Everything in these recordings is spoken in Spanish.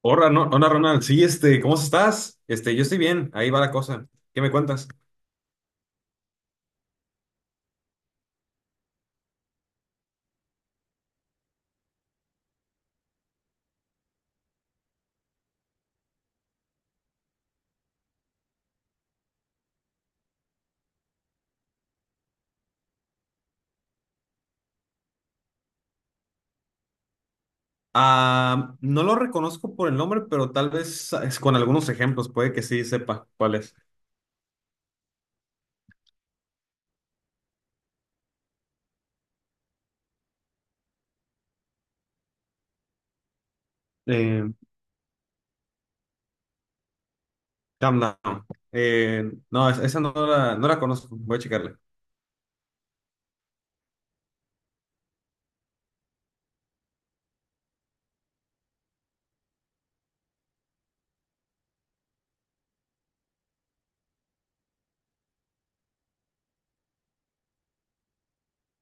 Hola, hola Ronald, sí, ¿cómo estás? Yo estoy bien, ahí va la cosa. ¿Qué me cuentas? Ah, no lo reconozco por el nombre, pero tal vez es con algunos ejemplos, puede que sí sepa cuál es. Eh, Calm Down. No, esa no la conozco, voy a checarla.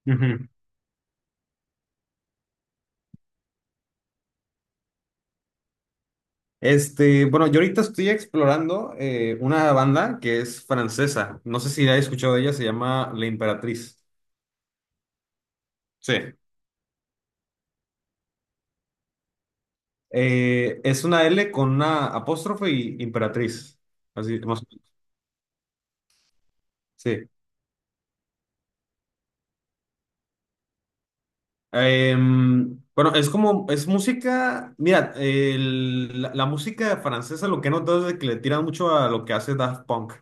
Ujú. Bueno, yo ahorita estoy explorando una banda que es francesa, no sé si la he escuchado de ella, se llama La Imperatriz. Sí. Es una L con una apóstrofe y imperatriz. Así, más. Sí. Bueno, es como, es música, mira, la música francesa lo que he notado es de que le tiran mucho a lo que hace Daft Punk.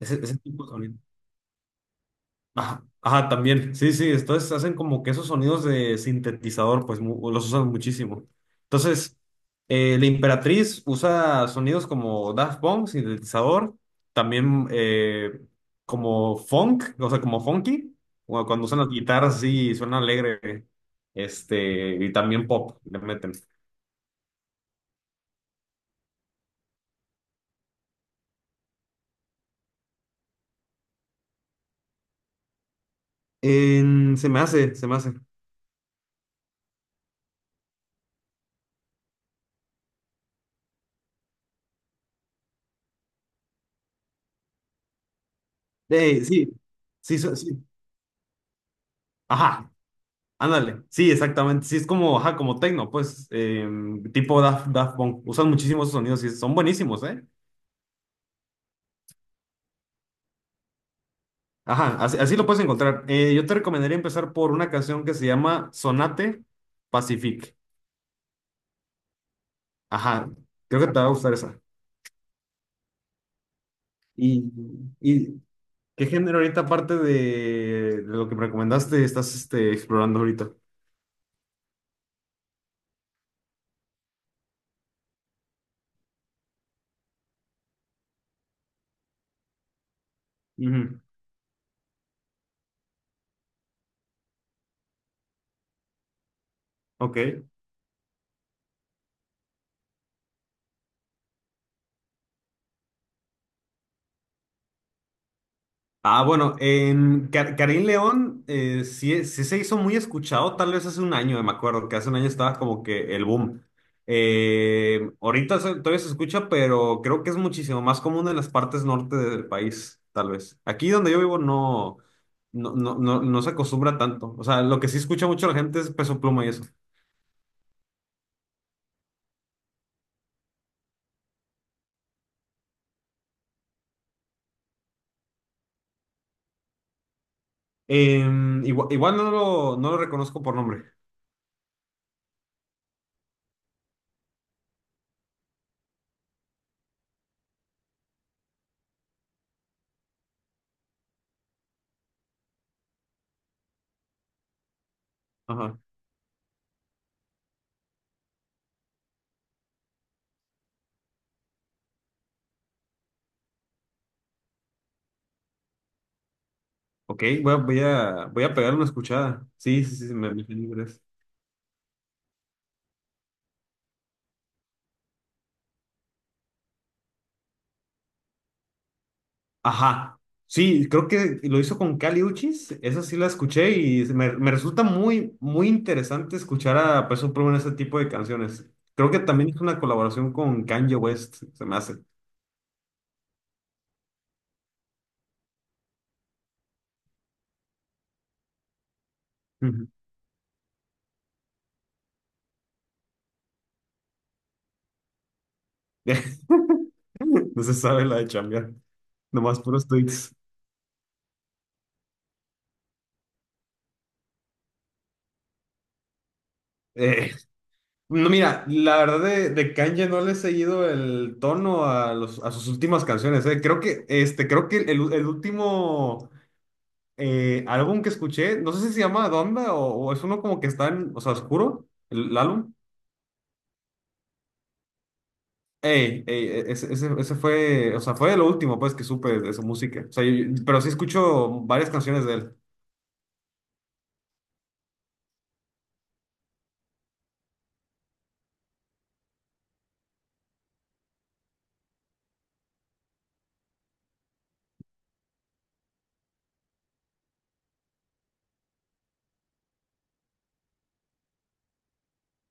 Ese tipo de sonido. Ajá, ajá, también. Sí, sí, entonces hacen como que esos sonidos de sintetizador, pues los usan muchísimo. Entonces, la Imperatriz usa sonidos como Daft Punk, sintetizador, también como funk, o sea, como funky, o cuando usan las guitarras así suena alegre, y también pop, le meten. Se me hace, se me hace. Sí, sí, sí. Ajá, ándale, sí, exactamente. Sí, es como, ajá, como techno, pues, tipo Daft Punk. Usan muchísimos esos sonidos y son buenísimos, ¿eh? Ajá, así, así lo puedes encontrar. Yo te recomendaría empezar por una canción que se llama Sonate Pacific. Ajá, creo que te va a gustar esa. ¿Y, y qué género ahorita, aparte de lo que me recomendaste, estás explorando ahorita? Ujú. Ok. Ah, bueno, Carin León sí, sí se hizo muy escuchado, tal vez hace un año, me acuerdo, que hace un año estaba como que el boom. Ahorita todavía se escucha, pero creo que es muchísimo más común en las partes norte del país, tal vez. Aquí donde yo vivo no, no, no, no, no se acostumbra tanto. O sea, lo que sí escucha mucho la gente es Peso Pluma y eso. Igual, no lo reconozco por nombre. Ajá. Ok, voy a pegarle una escuchada. Sí, sí, sí, me ajá. Sí, creo que lo hizo con Kali Uchis, esa sí la escuché y me resulta muy, muy interesante escuchar a Peso Pluma en ese tipo de canciones. Creo que también hizo una colaboración con Kanye West, se me hace. Ujú. No se sabe la de chambear, nomás puros tweets. Eh, no, mira, la verdad de Kanye no le he seguido el tono a, los, a sus últimas canciones, eh. Creo que, creo que el último álbum que escuché, no sé si se llama Donda o es uno como que está en, o sea, oscuro, el álbum. Ey, ey, ese fue, o sea, fue lo último pues que supe de su música. O sea, pero sí escucho varias canciones de él.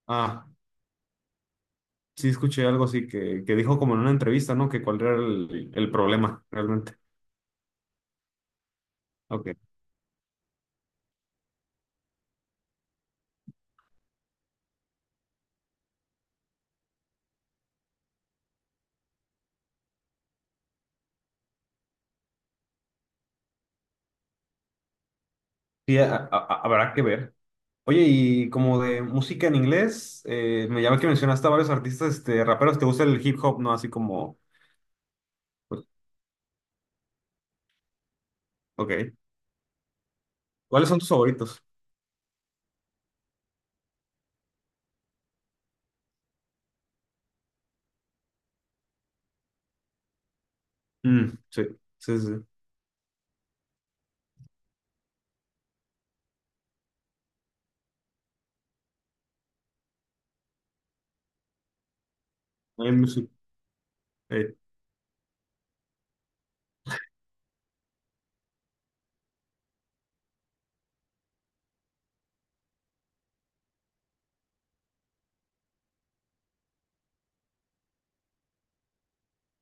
Ah, sí escuché algo así que dijo como en una entrevista, ¿no? Que cuál era el problema realmente. Ok. Sí, habrá que ver. Oye, y como de música en inglés, me llama que mencionaste a varios artistas, raperos, ¿te gusta el hip hop, no? Así como, pues, ok. ¿Cuáles son tus favoritos? Mm, sí, sí, sí. Hay mucho- eh,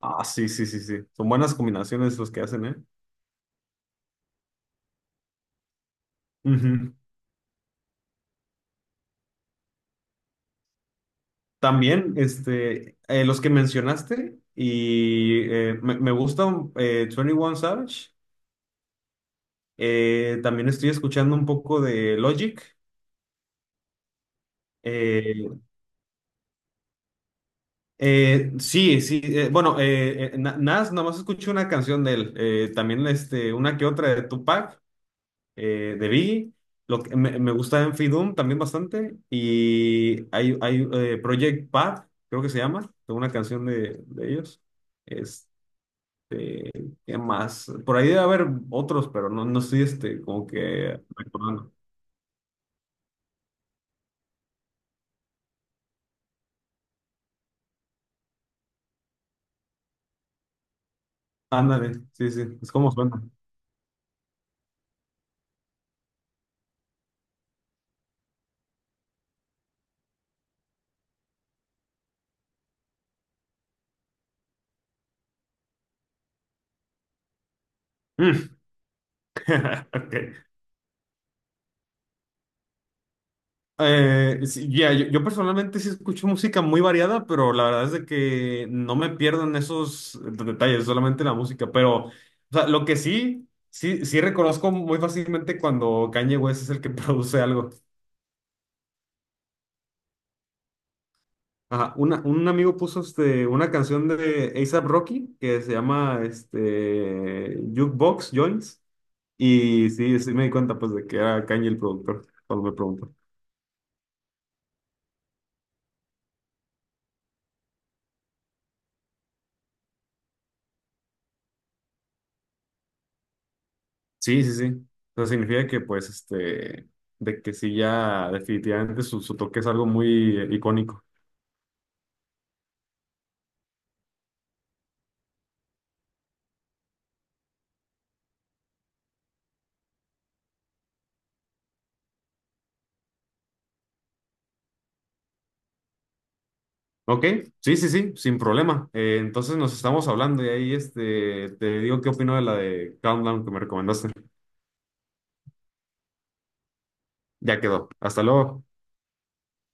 ah, sí, sí, sí, sí. Son buenas combinaciones los que hacen, ¿eh? Ujú. También, los que mencionaste, y me gusta twenty One Savage. También estoy escuchando un poco de Logic. Eh, sí, sí, bueno, Nas, nada más escuché una canción de él. También una que otra de Tupac, de Biggie. Lo que me gusta Enfi Doom también bastante. Y hay Project Pat, creo que se llama, de una canción de ellos. Este, ¿qué más? Por ahí debe haber otros, pero no, no estoy como que recordando. Ándale, sí, sí, es como suena. Mm. Ok. Sí, ya, yo personalmente sí escucho música muy variada, pero la verdad es de que no me pierdo en esos detalles, solamente la música. Pero, o sea, lo que sí, sí, sí reconozco muy fácilmente cuando Kanye West es el que produce algo. Ajá, un amigo puso una canción de A$AP Rocky que se llama Jukebox Joints, y sí, sí me di cuenta pues de que era Kanye el productor cuando me preguntó. Sí, sí, sí. O sea, significa que pues de que sí ya definitivamente su toque es algo muy icónico. Ok, sí, sí, sí, sin problema. Entonces nos estamos hablando y ahí te digo qué opino de la de Countdown que me recomendaste. Ya quedó. Hasta luego.